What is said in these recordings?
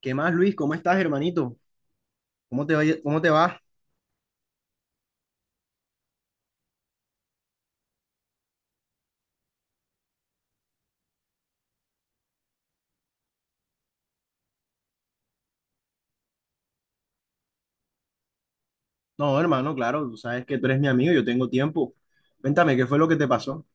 ¿Qué más, Luis? ¿Cómo estás, hermanito? ¿Cómo te va? No, hermano, claro, tú sabes que tú eres mi amigo, yo tengo tiempo. Cuéntame, ¿qué fue lo que te pasó?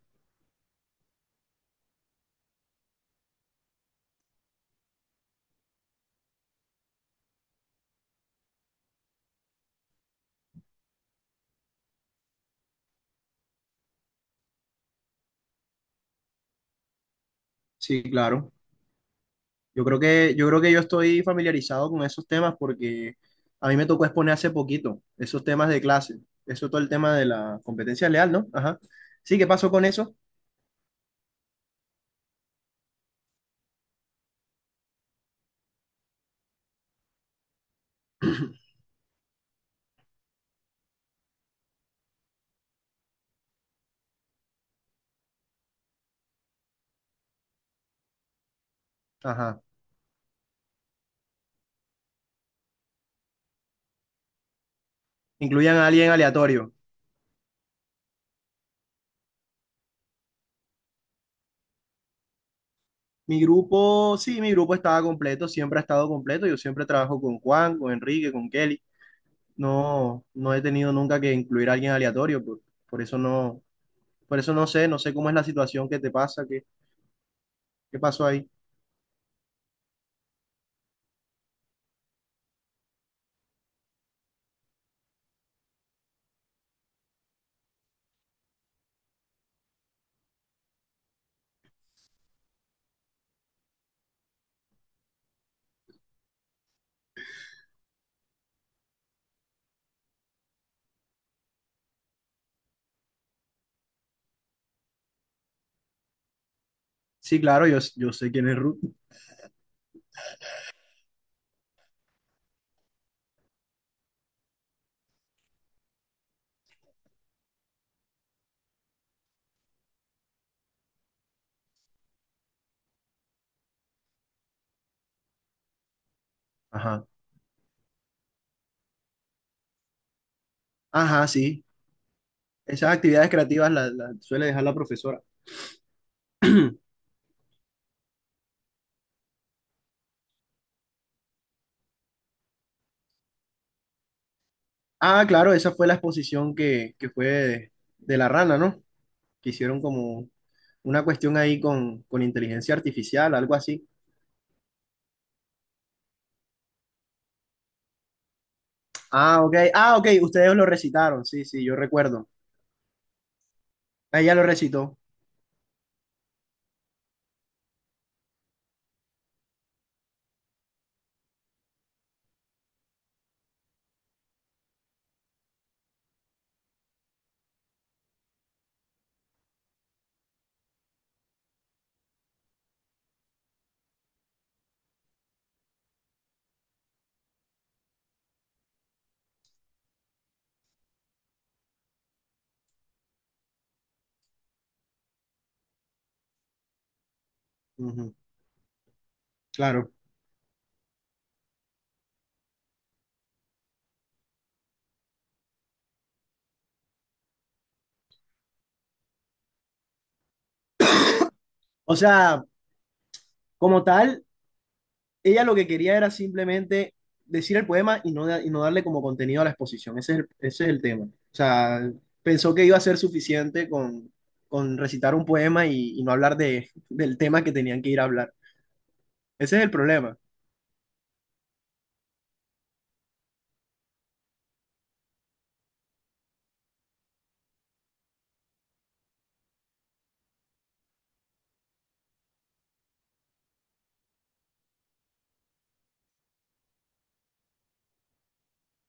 Sí, claro. Yo creo que yo estoy familiarizado con esos temas porque a mí me tocó exponer hace poquito esos temas de clase. Eso es todo el tema de la competencia leal, ¿no? Ajá. Sí, ¿qué pasó con eso? Ajá. Incluyan a alguien aleatorio. Sí, mi grupo estaba completo, siempre ha estado completo. Yo siempre trabajo con Juan, con Enrique, con Kelly. No he tenido nunca que incluir a alguien aleatorio, por eso por eso no sé, no sé cómo es la situación que te pasa, qué pasó ahí. Sí, claro, yo sé quién es Ruth. Ajá. Ajá, sí. Esas actividades creativas las suele dejar la profesora. Ah, claro, esa fue la exposición que fue de la rana, ¿no? Que hicieron como una cuestión ahí con inteligencia artificial, algo así. Ah, ok. Ah, ok, ustedes lo recitaron. Sí, sí, yo recuerdo. Ella lo recitó. Ujú, claro. O sea, como tal, ella lo que quería era simplemente decir el poema y y no darle como contenido a la exposición. Ese es el tema. O sea, pensó que iba a ser suficiente con recitar un poema y no hablar del tema que tenían que ir a hablar. Ese es el problema.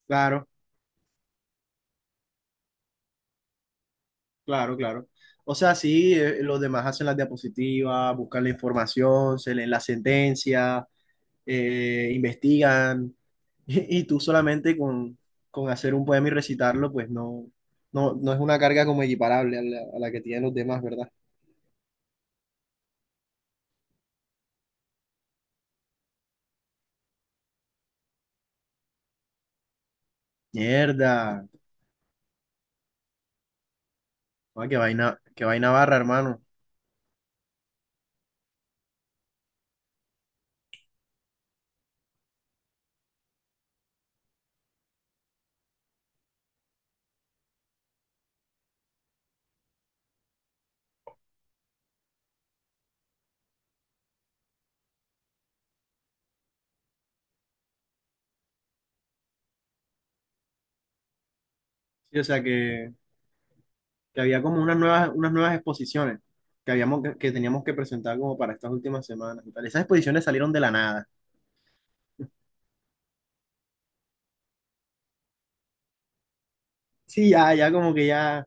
Claro, claro. O sea, sí, los demás hacen las diapositivas, buscan la información, se leen la sentencia, investigan, y tú solamente con hacer un poema y recitarlo, pues no es una carga como equiparable a a la que tienen los demás, ¿verdad? Mierda. Ah, qué vaina barra, hermano. Sí, o sea que había como unas nuevas exposiciones que teníamos que presentar como para estas últimas semanas y tal. Esas exposiciones salieron de la nada. Sí, ya, ya como que ya.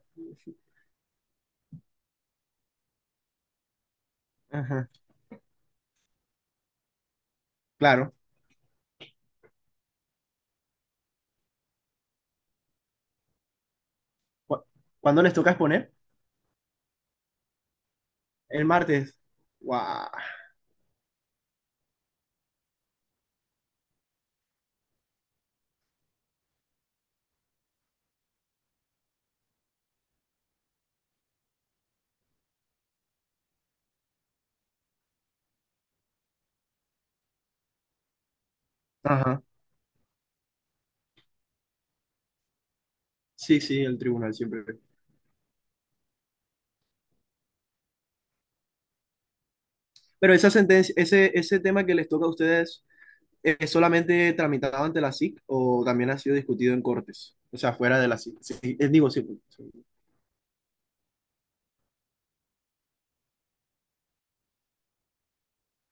Ajá. Claro. Cu- ¿Cuándo les toca exponer? El martes. Guau. Ajá. Sí, sí, el tribunal siempre. Pero esa sentencia, ese tema que les toca a ustedes, ¿es solamente tramitado ante la SIC o también ha sido discutido en cortes? O sea, fuera de la SIC. Sí, digo, sí. Pues, sí.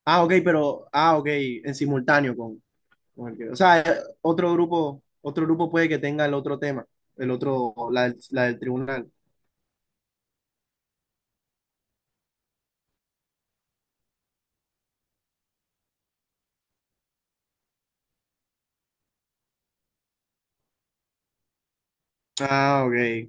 Ah, ok, pero, ah, ok, en simultáneo con el O sea, otro grupo puede que tenga el otro tema, el otro, la del tribunal. Ah, ok.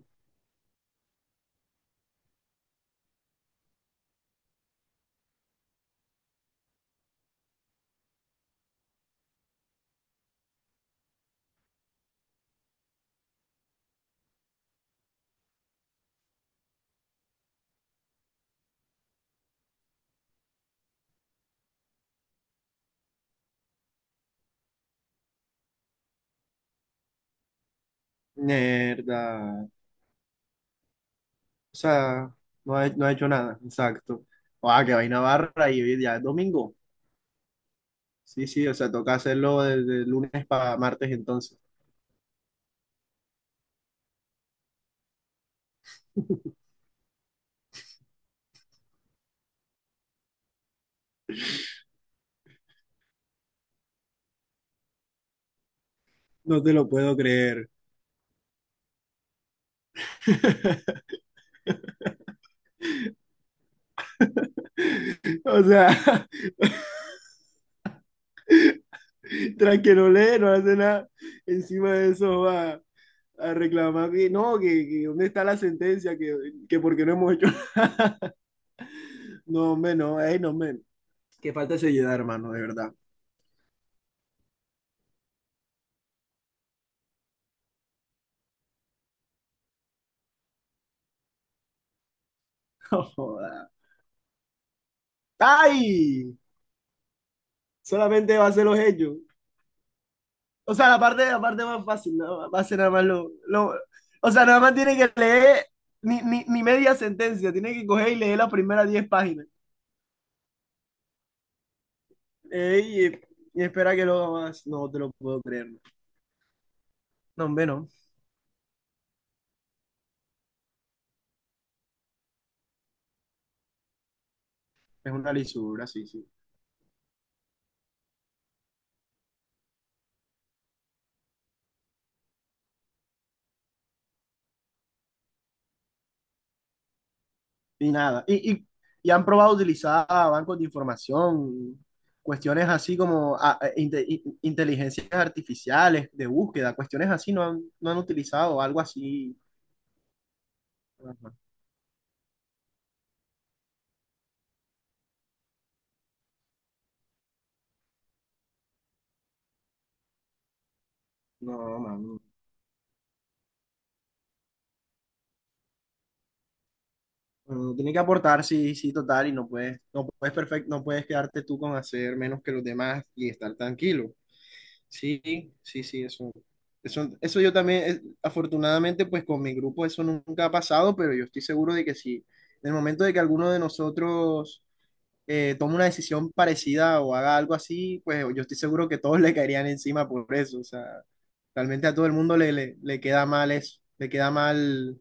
Mierda. O sea, no ha hecho nada, exacto. Ah, que vaina barra y hoy día es domingo. Sí, sí, o sea, toca hacerlo desde lunes para martes entonces. No te lo puedo creer. O sea, tras que no lee, no hace nada. Encima de eso va a reclamar que no, que dónde está la sentencia, que por qué no hemos hecho. No, hombre, no, ey, no, hombre. Qué falta de seriedad, hermano, de verdad. Joda. ¡Ay! Solamente va a ser los hechos. O sea, la parte más fácil, ¿no? Va a ser nada más O sea, nada más tiene que leer ni media sentencia, tiene que coger y leer las primeras 10 páginas. Ey, y espera que lo haga más. No te lo puedo creer. No, hombre, no. Es una lisura, sí, sí. Y nada. Y han probado utilizar bancos de información, cuestiones así como inteligencias artificiales de búsqueda, cuestiones así no han utilizado, algo así. Ajá. No, mami. Uno tiene que aportar, sí, sí, total, y no puedes quedarte tú con hacer menos que los demás y estar tranquilo. Sí, sí, sí, eso yo también, afortunadamente, pues con mi grupo eso nunca ha pasado, pero yo estoy seguro de que si en el momento de que alguno de nosotros tome una decisión parecida o haga algo así, pues yo estoy seguro que todos le caerían encima por eso, o sea, realmente a todo el mundo le queda mal eso, le queda mal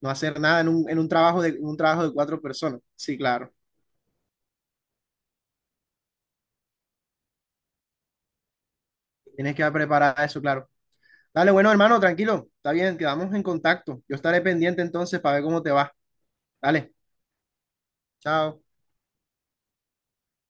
no hacer nada en un, en un trabajo en un trabajo de 4 personas, sí, claro, tienes que preparar eso, claro. Dale, bueno, hermano, tranquilo. Está bien, quedamos en contacto. Yo estaré pendiente entonces para ver cómo te va. Dale, chao.